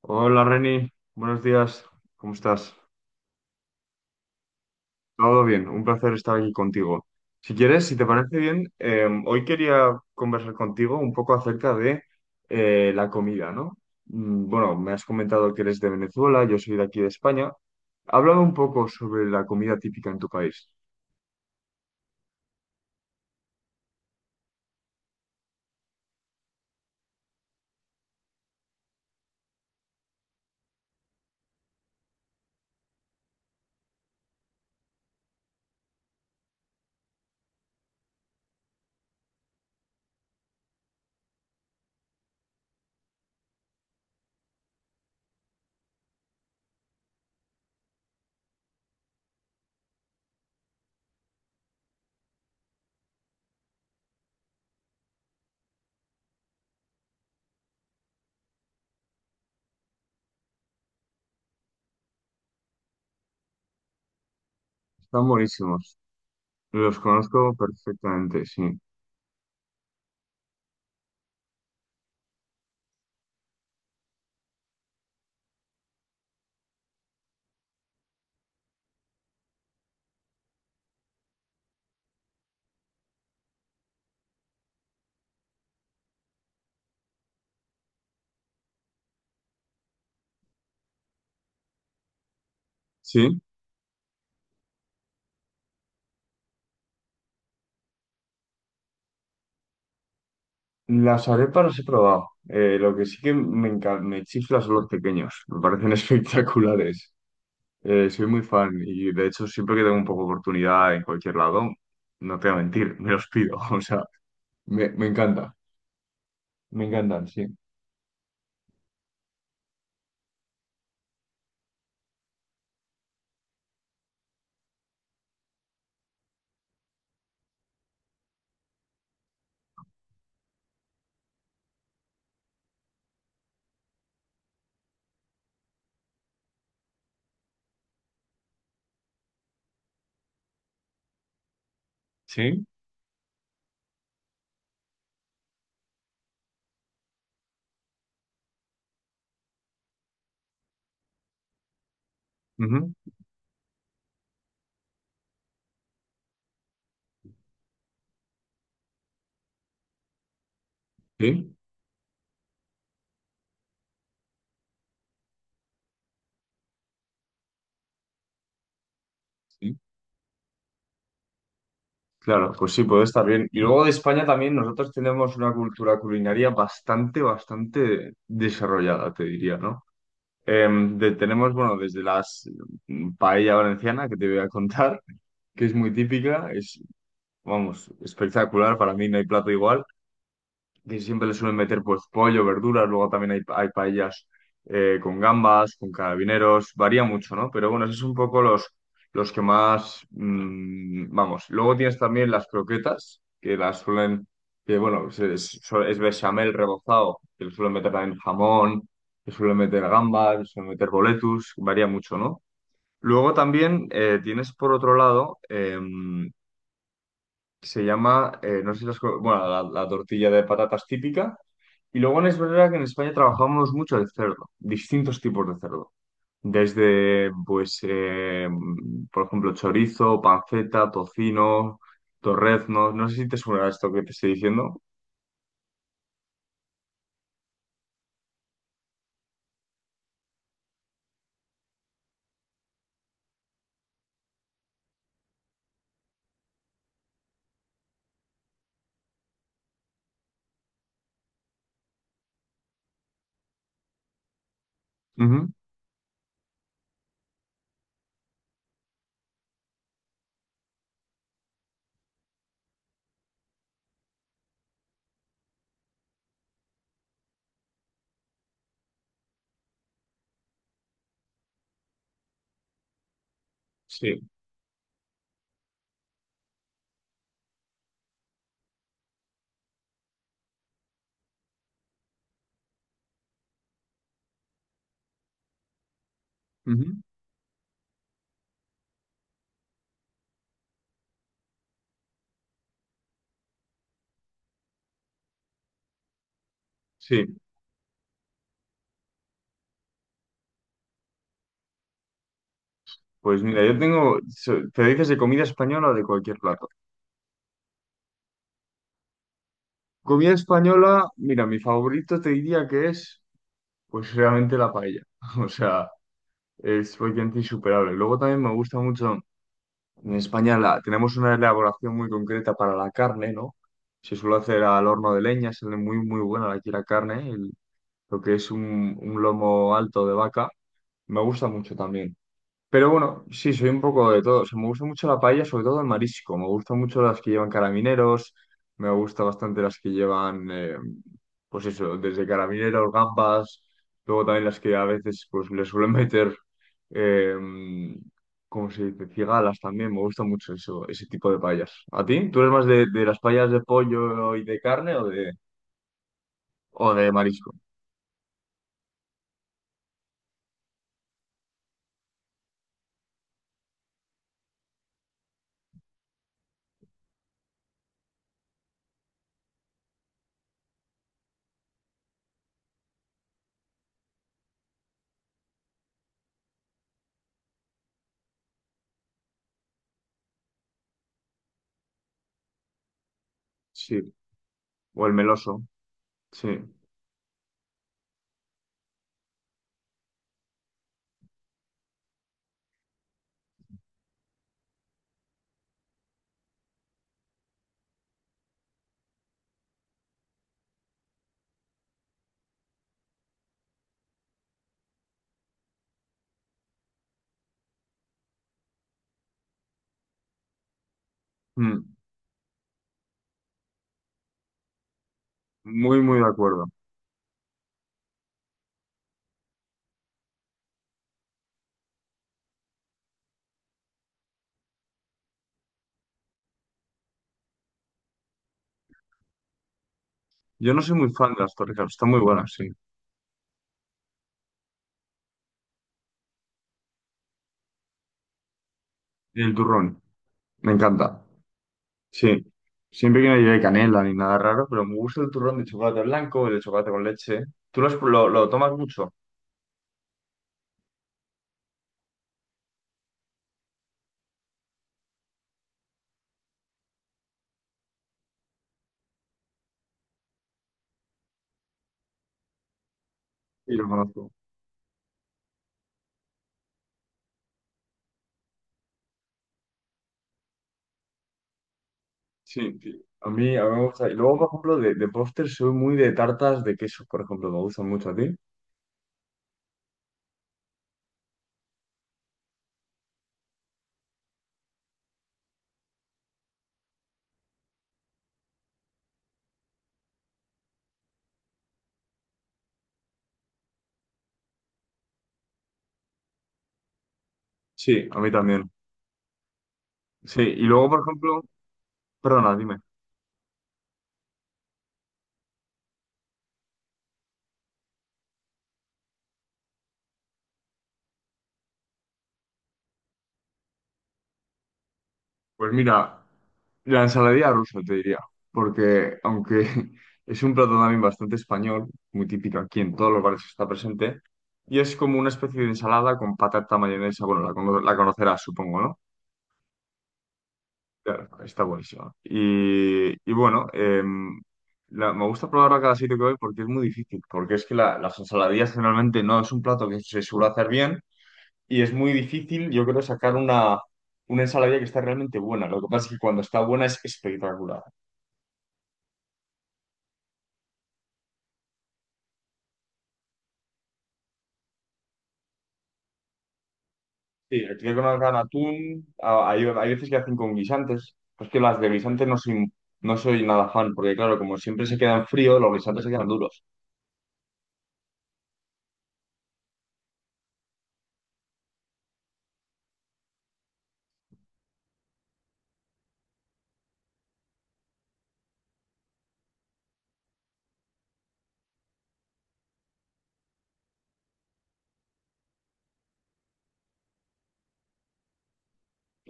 Hola Reni, buenos días, ¿cómo estás? Todo bien, un placer estar aquí contigo. Si quieres, si te parece bien, hoy quería conversar contigo un poco acerca de la comida, ¿no? Bueno, me has comentado que eres de Venezuela, yo soy de aquí de España. Háblame un poco sobre la comida típica en tu país. Están buenísimos, los conozco perfectamente, sí. Sí, las arepas las he probado. Lo que sí que me chifla son los pequeños, me parecen espectaculares. Soy muy fan y de hecho siempre que tengo un poco de oportunidad en cualquier lado, no te voy a mentir, me los pido. O sea, me encanta. Me encantan, sí. ¿Sí? Ujú, sí, sí. Claro, pues sí, puede estar bien. Y luego de España también nosotros tenemos una cultura culinaria bastante desarrollada, te diría, ¿no? Tenemos, bueno, desde las paella valenciana que te voy a contar, que es muy típica, es, vamos, espectacular, para mí no hay plato igual. Que siempre le suelen meter pues pollo, verduras, luego también hay paellas con gambas, con carabineros, varía mucho, ¿no? Pero bueno, esos son un poco los que más, vamos, luego tienes también las croquetas, que las suelen, que bueno, es bechamel rebozado, que le suelen meter también jamón, le suelen meter gambas, le suelen meter boletus, varía mucho, ¿no? Luego también tienes por otro lado, se llama, no sé si las, bueno, la tortilla de patatas típica, y luego es verdad que en España trabajamos mucho de cerdo, distintos tipos de cerdo. Desde, pues, por ejemplo, chorizo, panceta, tocino, torreznos. No sé si te suena esto que te estoy diciendo. Ujú, sí. Ujú, sí. Pues mira, te dices de comida española o de cualquier plato. Comida española, mira, mi favorito te diría que es, pues, realmente la paella. O sea, es prácticamente insuperable. Luego también me gusta mucho. En España tenemos una elaboración muy concreta para la carne, ¿no? Se suele hacer al horno de leña, sale muy buena aquí la carne, lo que es un lomo alto de vaca. Me gusta mucho también. Pero bueno, sí, soy un poco de todo. O sea, me gusta mucho la paella, sobre todo el marisco. Me gustan mucho las que llevan carabineros, me gusta bastante las que llevan, pues eso, desde carabineros, gambas, luego también las que a veces pues le suelen meter, eh, ¿cómo se dice? Cigalas también. Me gusta mucho eso, ese tipo de paellas. ¿A ti? ¿Tú eres más de las paellas de pollo y de carne o de marisco? Sí. O el meloso, sí. Mm. Muy de acuerdo. Yo no soy muy fan de las torrijas, están muy buenas, sí. Y el turrón, me encanta. Sí. Siempre que no lleve canela ni nada raro, pero me gusta el turrón de chocolate blanco, el de chocolate con leche. ¿Tú lo, lo tomas mucho? Sí, lo conozco. Sí, sí. A mí me gusta. Y luego, por ejemplo, de póster soy muy de tartas de queso, por ejemplo. Me gustan mucho a ti. Sí, a mí también. Sí, y luego, por ejemplo, perdona, dime. Pues mira, la ensaladilla rusa te diría, porque aunque es un plato también bastante español, muy típico aquí en todos los bares está presente, y es como una especie de ensalada con patata, mayonesa, bueno, la conocerás, supongo, ¿no? Claro, está buenísimo. Y bueno, me gusta probarla cada sitio que voy porque es muy difícil, porque es que las ensaladillas generalmente no es un plato que se suele hacer bien y es muy difícil, yo creo, sacar una ensaladilla que está realmente buena. Lo que pasa es que cuando está buena es espectacular. Sí, aquí con hagan atún, hay veces que hacen con guisantes. Pues que las de guisantes no soy, no soy nada fan, porque claro, como siempre se quedan fríos, los guisantes se quedan duros.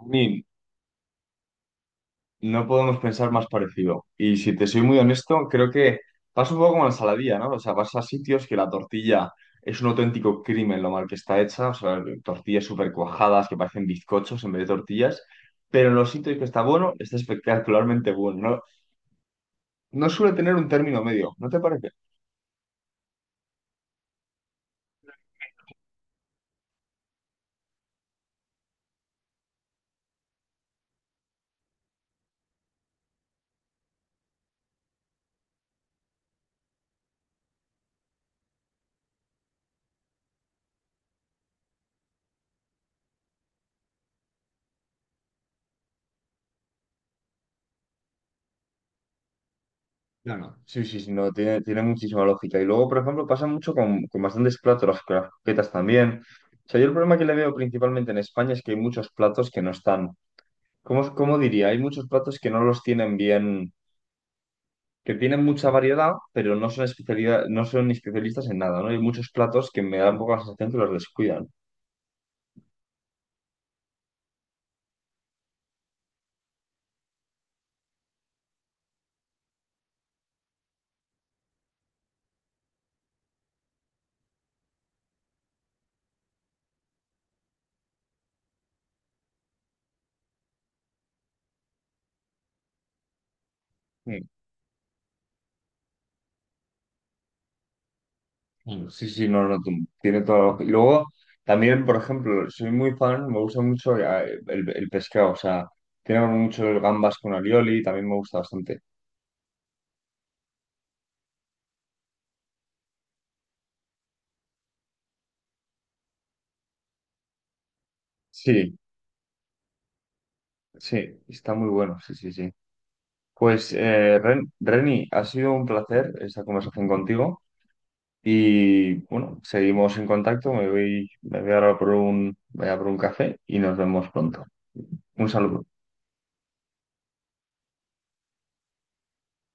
A mí no podemos pensar más parecido. Y si te soy muy honesto, creo que pasa un poco como la ensaladilla, ¿no? O sea, vas a sitios que la tortilla es un auténtico crimen lo mal que está hecha, o sea, tortillas súper cuajadas que parecen bizcochos en vez de tortillas, pero en los sitios que está bueno, está espectacularmente bueno. No, no suele tener un término medio, ¿no te parece? Claro. Sí, sí, sí, no, tiene muchísima lógica. Y luego, por ejemplo, pasa mucho con bastantes platos, las con las croquetas también. O sea, yo el problema que le veo principalmente en España es que hay muchos platos que no están. ¿Cómo, cómo diría? Hay muchos platos que no los tienen bien, que tienen mucha variedad, pero no son especialidad, no son especialistas en nada, ¿no? Hay muchos platos que me dan un poco la sensación que los descuidan. Mm, Sí, sí, no, no, tiene todo. Y luego, también, por ejemplo, soy muy fan, me gusta mucho el pescado, o sea, tiene mucho gambas con alioli, también me gusta bastante. Sí, sí, está muy bueno, sí, sí, sí. Pues, Reni, ha sido un placer esta conversación contigo. Y bueno, seguimos en contacto. Me voy ahora por un, voy a por un café y nos vemos pronto. Un saludo.